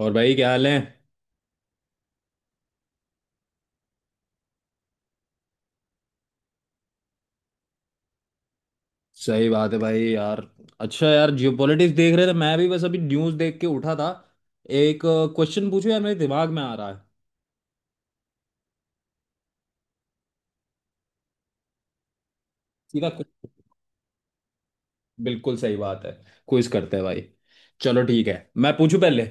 और भाई क्या हाल है? सही बात है भाई यार। अच्छा यार, जियोपॉलिटिक्स देख रहे थे। मैं भी बस अभी न्यूज़ देख के उठा था। एक क्वेश्चन पूछो यार, मेरे दिमाग में आ रहा है। सीधा question। बिल्कुल सही बात है। क्विज करते हैं भाई। चलो ठीक है, मैं पूछूं पहले।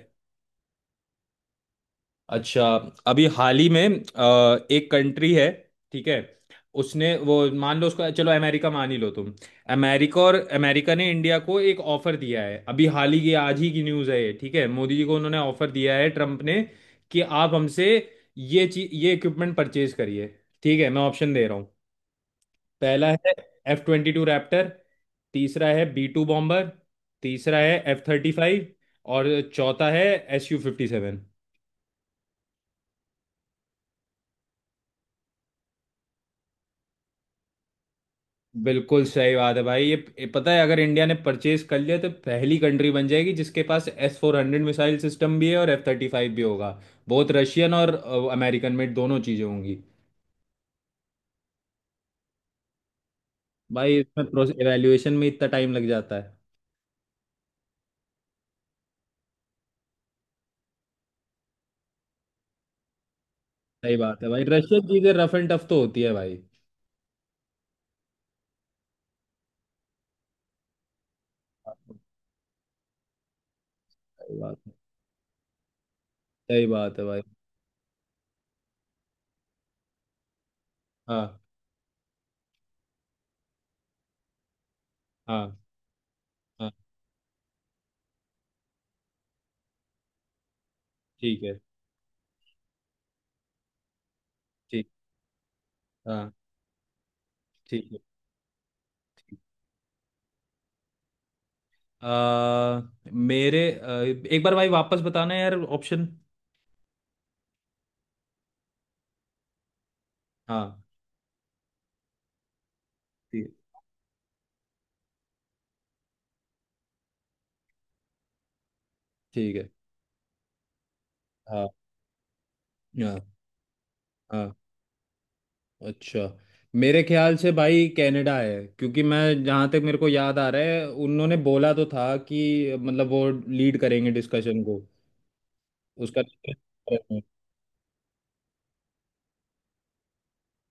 अच्छा। अभी हाल ही में एक कंट्री है, ठीक है। उसने वो मान लो, उसको चलो अमेरिका मान ही लो तुम। अमेरिका और अमेरिका ने इंडिया को एक ऑफर दिया है, अभी हाल ही की आज ही की न्यूज़ है ये। ठीक है, मोदी जी को उन्होंने ऑफर दिया है, ट्रम्प ने। कि आप हमसे ये इक्विपमेंट परचेज करिए। ठीक है, मैं ऑप्शन दे रहा हूँ। पहला है F-22 रैप्टर। तीसरा है B-2 बॉम्बर। तीसरा है F-35। और चौथा है Su-57। बिल्कुल सही बात है भाई। ये पता है, अगर इंडिया ने परचेज कर लिया तो पहली कंट्री बन जाएगी जिसके पास S-400 मिसाइल सिस्टम भी है और F-35 भी होगा। बहुत रशियन और अमेरिकन मेड दोनों चीज़ें होंगी। भाई इसमें प्रोसेस एवेल्युएशन में इतना टाइम लग जाता है। सही बात है भाई, रशियन चीज़ें रफ एंड टफ तो होती है भाई। सही बात है। सही बात है भाई। हाँ। हाँ। हाँ। ठीक है। ठीक। हाँ। ठीक है। ठीक। आ, मेरे एक बार भाई वापस बताना यार, ऑप्शन। हाँ। ठीक। ठीक है। हाँ। हाँ। हाँ, अच्छा। मेरे ख्याल से भाई कनाडा है, क्योंकि मैं जहाँ तक मेरे को याद आ रहा है, उन्होंने बोला तो था कि मतलब वो लीड करेंगे डिस्कशन को। उसका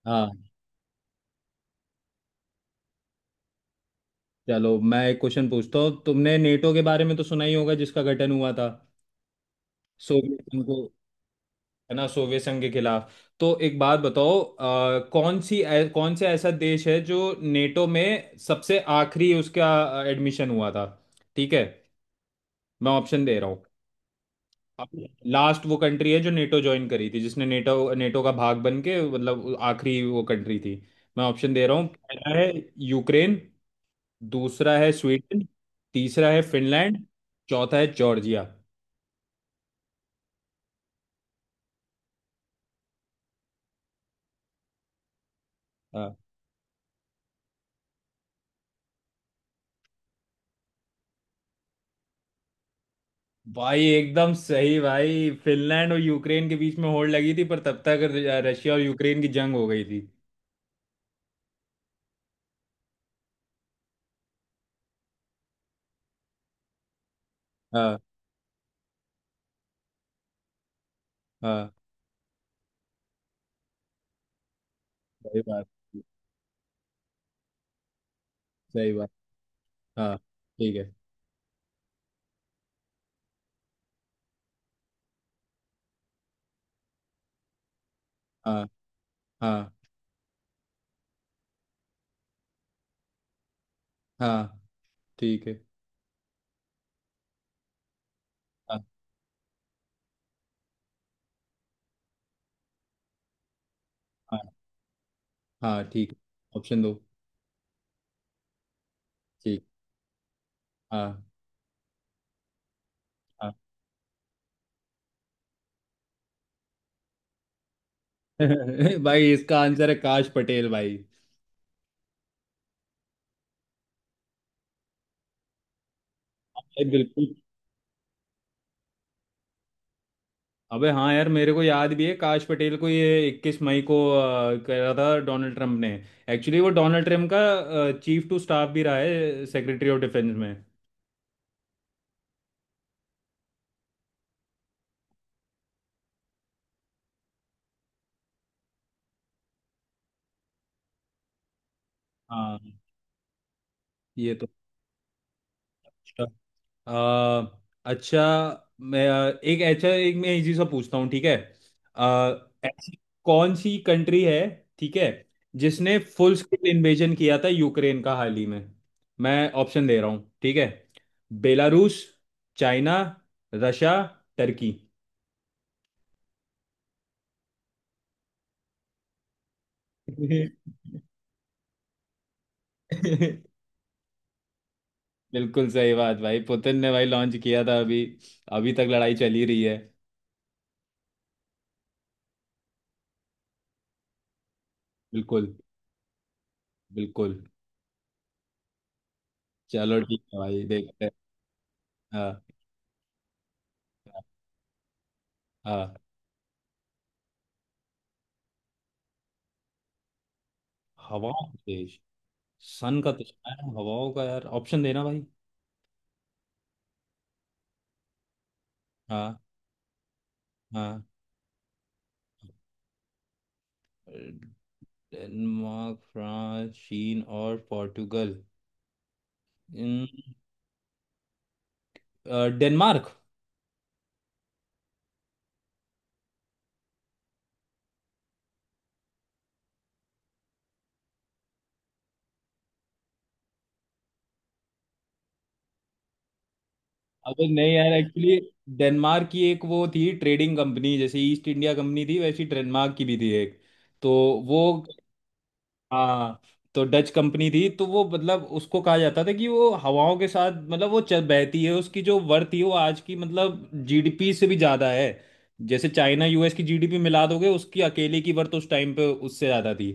हाँ। चलो मैं एक क्वेश्चन पूछता हूँ। तुमने नेटो के बारे में तो सुना ही होगा, जिसका गठन हुआ था सोवियत संघ को, है ना, सोवियत संघ के खिलाफ। तो एक बात बताओ कौन सी कौन सा ऐसा देश है जो नेटो में सबसे आखिरी उसका एडमिशन हुआ था। ठीक है, मैं ऑप्शन दे रहा हूँ। लास्ट वो कंट्री है जो नेटो ज्वाइन करी थी, जिसने नेटो नेटो का भाग बन के मतलब आखिरी वो कंट्री थी। मैं ऑप्शन दे रहा हूँ। पहला है यूक्रेन। दूसरा है स्वीडन। तीसरा है फिनलैंड। चौथा है जॉर्जिया। हाँ। भाई एकदम सही भाई, फिनलैंड और यूक्रेन के बीच में होड़ लगी थी, पर तब तक रशिया और यूक्रेन की जंग हो गई थी। हाँ। हाँ। सही बात। सही बात। हाँ। ठीक है। हाँ। हाँ। हाँ। ठीक है। हाँ। हाँ। हाँ, ठीक है। ऑप्शन दो। ठीक। हाँ। हाँ। भाई इसका आंसर है काश पटेल भाई। भाई बिल्कुल। अबे हाँ यार, मेरे को याद भी है, काश पटेल को ये 21 मई को करा था डोनाल्ड ट्रंप ने। एक्चुअली वो डोनाल्ड ट्रंप का चीफ टू स्टाफ भी रहा है, सेक्रेटरी ऑफ डिफेंस में। हाँ। ये तो अच्छा। अ, अच्छा, मैं एक अच्छा एक मैं इजी सा पूछता हूँ, ठीक है। ऐसी कौन सी कंट्री है, ठीक है, जिसने फुल स्केल इन्वेजन किया था यूक्रेन का हाल ही में। मैं ऑप्शन दे रहा हूँ, ठीक है। बेलारूस। चाइना। रशिया। टर्की। बिल्कुल सही बात भाई, पुतिन ने भाई लॉन्च किया था अभी। अभी तक लड़ाई चली रही है। बिल्कुल। बिल्कुल। चलो ठीक है भाई, देखते हैं। हाँ। हाँ। हाँ। हवाओं का देश? सन का तो सुना है, हवाओं का यार ऑप्शन देना भाई। हाँ। हाँ। डेनमार्क, फ्रांस, चीन और पोर्टुगल। इन- डेनमार्क। अबे नहीं यार, एक्चुअली डेनमार्क की एक वो थी ट्रेडिंग कंपनी, जैसे ईस्ट इंडिया कंपनी थी वैसी डेनमार्क की भी थी एक, तो वो हाँ। तो डच कंपनी थी, तो वो मतलब उसको कहा जाता था कि वो हवाओं के साथ मतलब वो चल बहती है। उसकी जो वर्थ थी वो आज की मतलब जीडीपी से भी ज्यादा है। जैसे चाइना यूएस की जीडीपी मिला दोगे, उसकी अकेले की वर्थ उस टाइम पे उससे ज्यादा थी,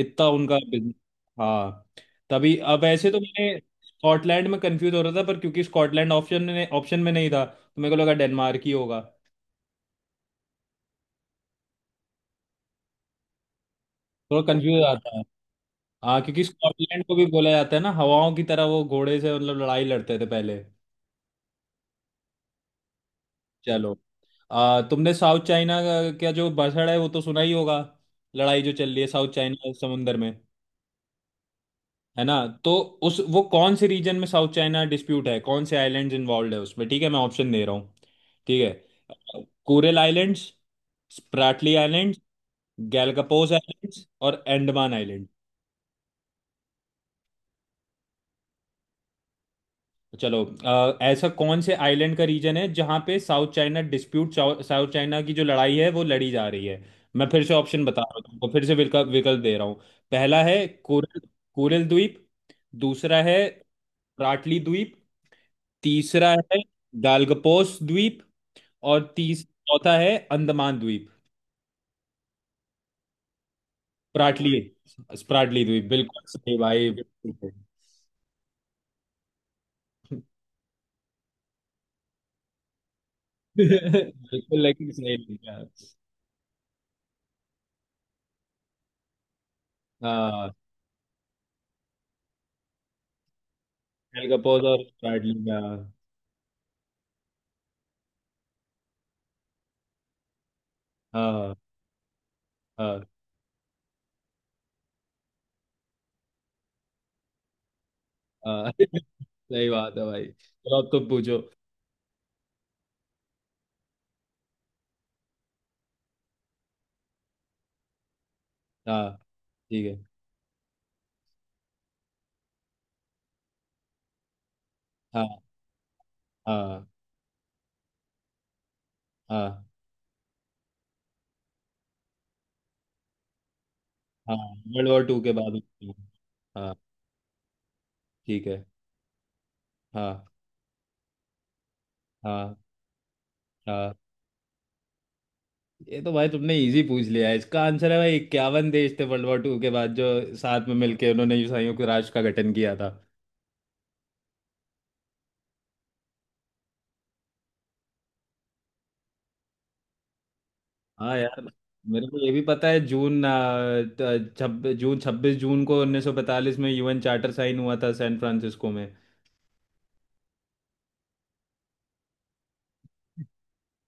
इतना उनका बिजनेस। हाँ। तभी। अब ऐसे तो मैंने स्कॉटलैंड में कंफ्यूज हो रहा था, पर क्योंकि स्कॉटलैंड ऑप्शन में नहीं था, तो मेरे को लगा डेनमार्क ही होगा। थोड़ा कंफ्यूज आता है। हाँ, क्योंकि स्कॉटलैंड को भी बोला जाता है ना, हवाओं की तरह वो घोड़े से मतलब लड़ाई लड़ते थे पहले। चलो। तुमने साउथ चाइना का क्या जो बसड़ है वो तो सुना ही होगा, लड़ाई जो चल रही है साउथ चाइना समुंदर में, है ना। तो उस वो कौन से रीजन में साउथ चाइना डिस्प्यूट है, कौन से आइलैंड्स इन्वॉल्व है उसमें। ठीक है मैं ऑप्शन दे रहा हूँ। ठीक है, coral islands, Spratly islands, Galapagos islands और अंडमान आइलैंड्स। चलो ऐसा कौन से आइलैंड का रीजन है जहां पे South China dispute, South China की जो लड़ाई है वो लड़ी जा रही है। मैं फिर से ऑप्शन बता रहा हूँ तुमको, फिर से विकल्प विकल्प दे रहा हूँ। पहला है कोरल, कोरल द्वीप। दूसरा है राटली द्वीप। तीसरा है गालगपोस द्वीप। और तीस चौथा है अंडमान द्वीप। स्प्राटली, स्प्राटली द्वीप बिल्कुल सही भाई, बिल्कुल सही। बिल्कुल, लेकिन सही लिखा। हाँ, गालगपोस और स्प्राटली का। हाँ। हाँ। हाँ। सही बात है भाई, चलो अब तुम पूछो। हाँ। ठीक है। हाँ। हाँ। हाँ। हाँ, वर्ल्ड वॉर 2 के बाद हुई। हाँ। ठीक है। हाँ। हाँ। हाँ, ये तो भाई तुमने इजी पूछ लिया है, इसका आंसर है भाई 51 देश थे, वर्ल्ड वॉर 2 के बाद जो साथ में मिलके उन्होंने संयुक्त राष्ट्र का गठन किया था। हाँ यार, मेरे को ये भी पता है, जून छब्बीस जून 26 जून को 1945 में यूएन चार्टर साइन हुआ था सैन फ्रांसिस्को में।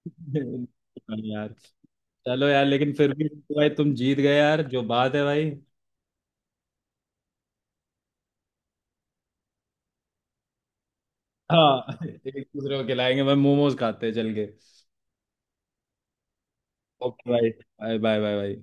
हाँ यार। चलो यार, लेकिन फिर भी तो भाई तुम जीत गए यार, जो बात है भाई। हाँ, एक दूसरे को खिलाएंगे भाई, मोमोज खाते हैं चल के। ओके भाई। Bye bye bye bye.